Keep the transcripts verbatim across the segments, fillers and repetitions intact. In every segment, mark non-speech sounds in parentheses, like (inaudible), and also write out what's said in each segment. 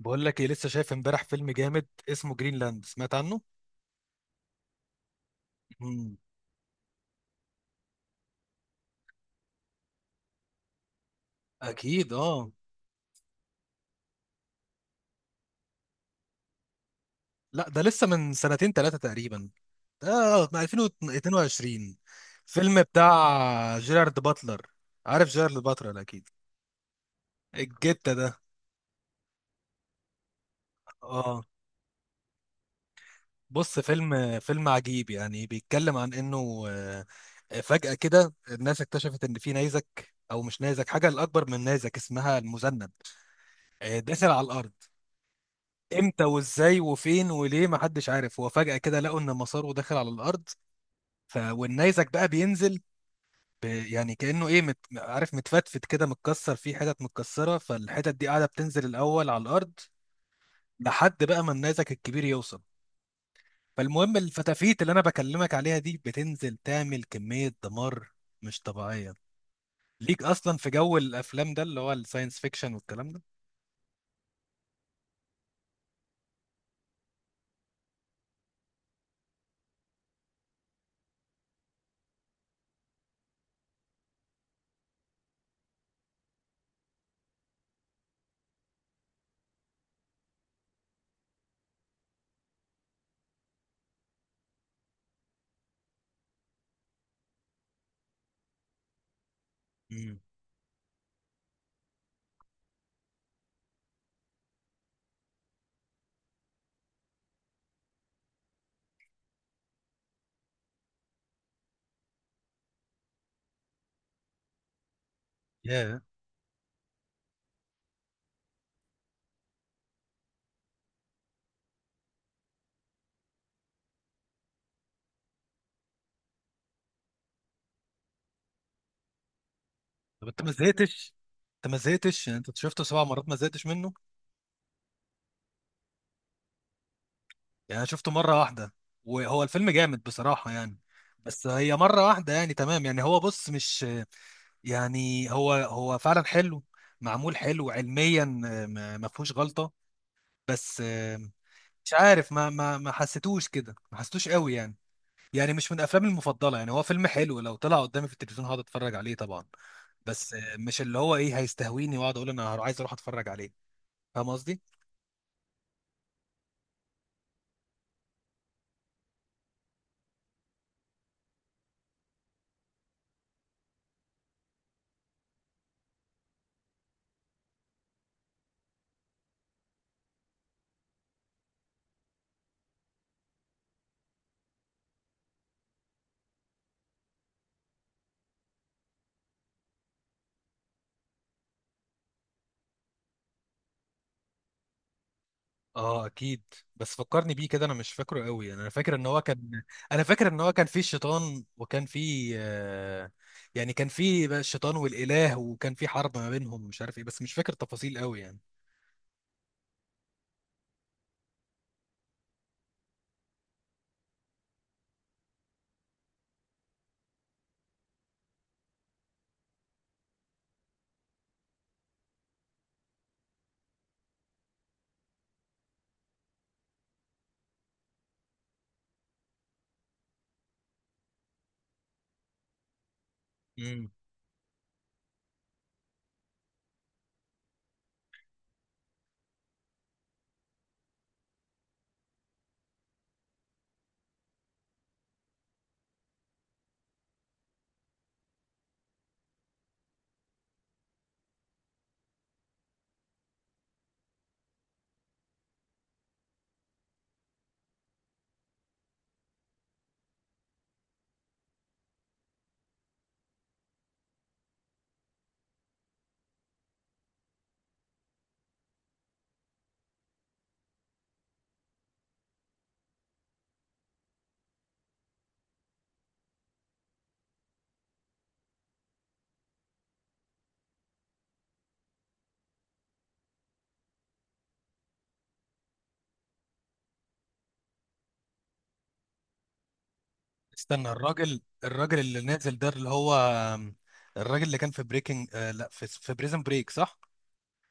بقول لك ايه، لسه شايف امبارح فيلم جامد اسمه جرينلاند؟ سمعت عنه؟ مم. اكيد، اه. لا، ده لسه من سنتين ثلاثه تقريبا. ده من ألفين واثنين وعشرين. فيلم بتاع جيرارد باتلر. عارف جيرارد باتلر اكيد. الجتة ده. اه، بص. فيلم فيلم عجيب يعني، بيتكلم عن انه آه، فجأة كده الناس اكتشفت ان في نيزك، او مش نيزك، حاجة الاكبر من نيزك اسمها المذنب، آه، داخل على الارض. امتى وازاي وفين وليه محدش عارف. هو فجأة كده لقوا ان مساره داخل على الارض. ف والنيزك بقى بينزل. ب... يعني كأنه ايه، مت... عارف، متفتفت كده، متكسر، فيه حتت متكسرة. فالحتت دي قاعدة بتنزل الاول على الارض، لحد بقى ما النيزك الكبير يوصل. فالمهم الفتافيت اللي انا بكلمك عليها دي بتنزل تعمل كمية دمار مش طبيعية. ليك اصلا في جو الافلام ده، اللي هو الساينس فيكشن والكلام ده. امم. ياه. طب انت ما زهقتش؟ انت ما زهقتش يعني انت شفته سبع مرات ما زهقتش منه؟ يعني انا شفته مره واحده، وهو الفيلم جامد بصراحه يعني. بس هي مره واحده يعني، تمام يعني. هو، بص، مش يعني، هو هو فعلا حلو، معمول حلو علميا، آه، ما ما فيهوش غلطه. بس آه، مش عارف، ما ما ما حسيتوش كده، ما حسيتوش قوي يعني. يعني مش من افلامي المفضله يعني، هو فيلم حلو لو طلع قدامي في التلفزيون هقعد اتفرج عليه طبعا. بس آه، مش اللي هو ايه هيستهويني واقعد اقول انا عايز اروح اتفرج عليه. فاهم قصدي؟ اه اكيد. بس فكرني بيه كده، انا مش فاكره قوي يعني. انا فاكر ان هو كان انا فاكر ان هو كان فيه شيطان، وكان فيه، آه، يعني كان فيه بقى الشيطان والاله، وكان فيه حرب ما بينهم ومش عارف ايه، بس مش فاكر تفاصيل قوي يعني. امم. استنى، الراجل الراجل اللي نازل ده، اللي هو آم، الراجل اللي كان في بريكنج، آه لا، في في بريزن بريك، صح؟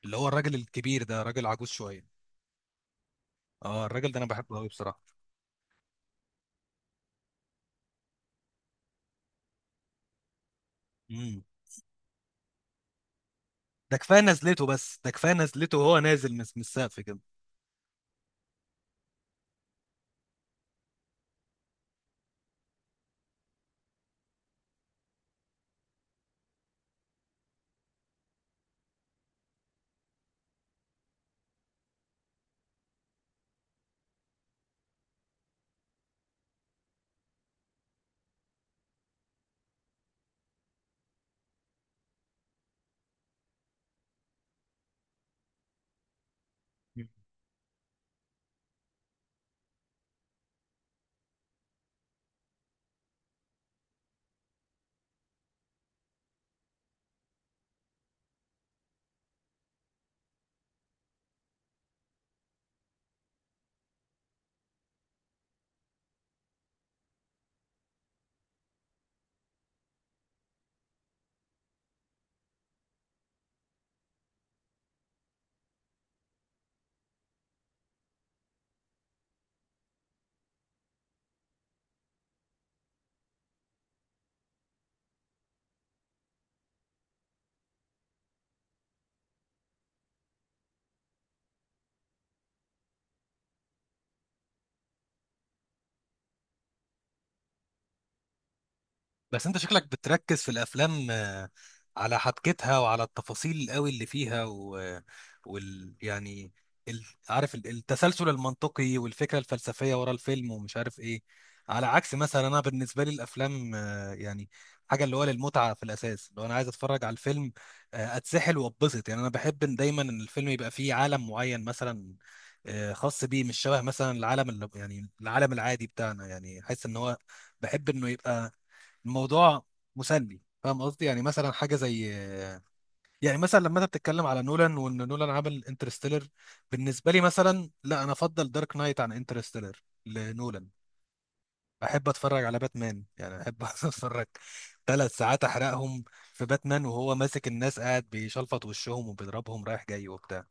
اللي هو الراجل الكبير ده، راجل عجوز شويه. اه الراجل ده انا بحبه قوي بصراحه. امم. ده كفايه نزلته بس ده كفايه نزلته، وهو نازل من من السقف كده. بس انت شكلك بتركز في الافلام، آه، على حبكتها وعلى التفاصيل قوي اللي فيها. و... وال يعني ال... عارف، ال- التسلسل المنطقي والفكره الفلسفيه ورا الفيلم ومش عارف ايه. على عكس مثلا، انا بالنسبه لي الافلام، آه، يعني، حاجه اللي هو للمتعه في الاساس. لو انا عايز اتفرج على الفيلم، آه، اتسحل واتبسط يعني. انا بحب إن دايما ان الفيلم يبقى فيه عالم معين مثلا، آه، خاص بيه، مش شبه مثلا العالم اللي، يعني، العالم العادي بتاعنا. يعني حاسس ان هو، بحب انه يبقى الموضوع مسلي. فاهم قصدي؟ يعني مثلا حاجه زي، يعني مثلا لما انت بتتكلم على نولان وان نولان عمل انترستيلر. بالنسبه لي مثلا، لا، انا افضل دارك نايت عن انترستيلر لنولان. احب اتفرج على باتمان يعني، احب (laughs) اتفرج ثلاث ساعات، احرقهم في باتمان وهو ماسك الناس قاعد بيشلفط وشهم وبيضربهم رايح جاي وبتاع.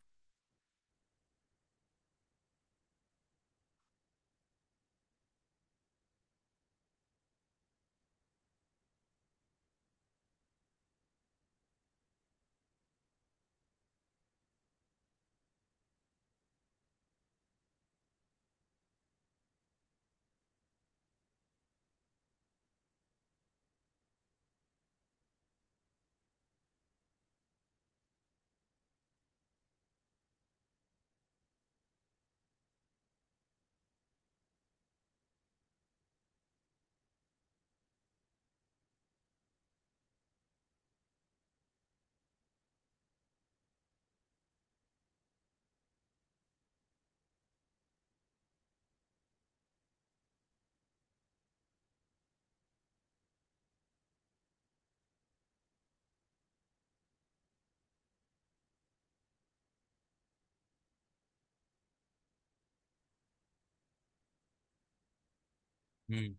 مم.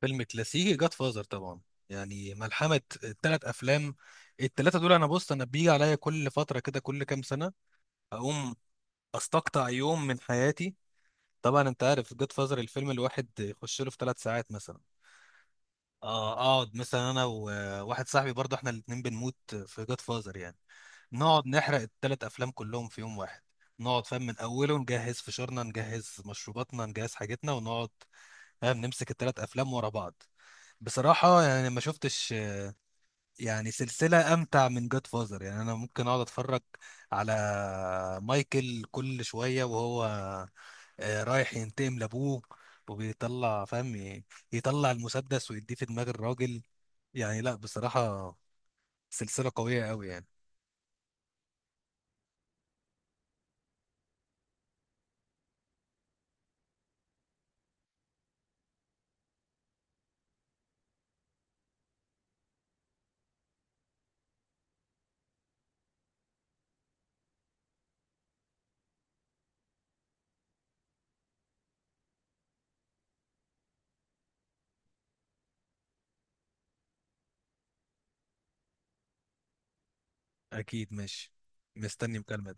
فيلم كلاسيكي، جاد فازر طبعا، يعني ملحمة التلات أفلام. التلاتة دول أنا، بص، أنا بيجي عليا كل فترة كده، كل كام سنة أقوم استقطع يوم من حياتي. طبعا انت عارف جود فازر الفيلم الواحد يخش له في ثلاث ساعات مثلا. اه اقعد مثلا انا وواحد صاحبي، برضه احنا الاتنين بنموت في جود فازر يعني. نقعد نحرق الثلاث افلام كلهم في يوم واحد. نقعد، فاهم، من اوله، نجهز فشارنا، نجهز مشروباتنا، نجهز حاجتنا، ونقعد، فاهم، نمسك الثلاث افلام ورا بعض. بصراحة يعني ما شفتش يعني سلسلة أمتع من جاد فازر يعني. أنا ممكن أقعد أتفرج على مايكل كل شوية وهو، آه، رايح ينتقم لابوه، وبيطلع، فاهم، ي- يطلع المسدس ويديه في دماغ الراجل. يعني لا بصراحة، سلسلة قوية قوي يعني. اكيد ماشي. مستني مكالمة.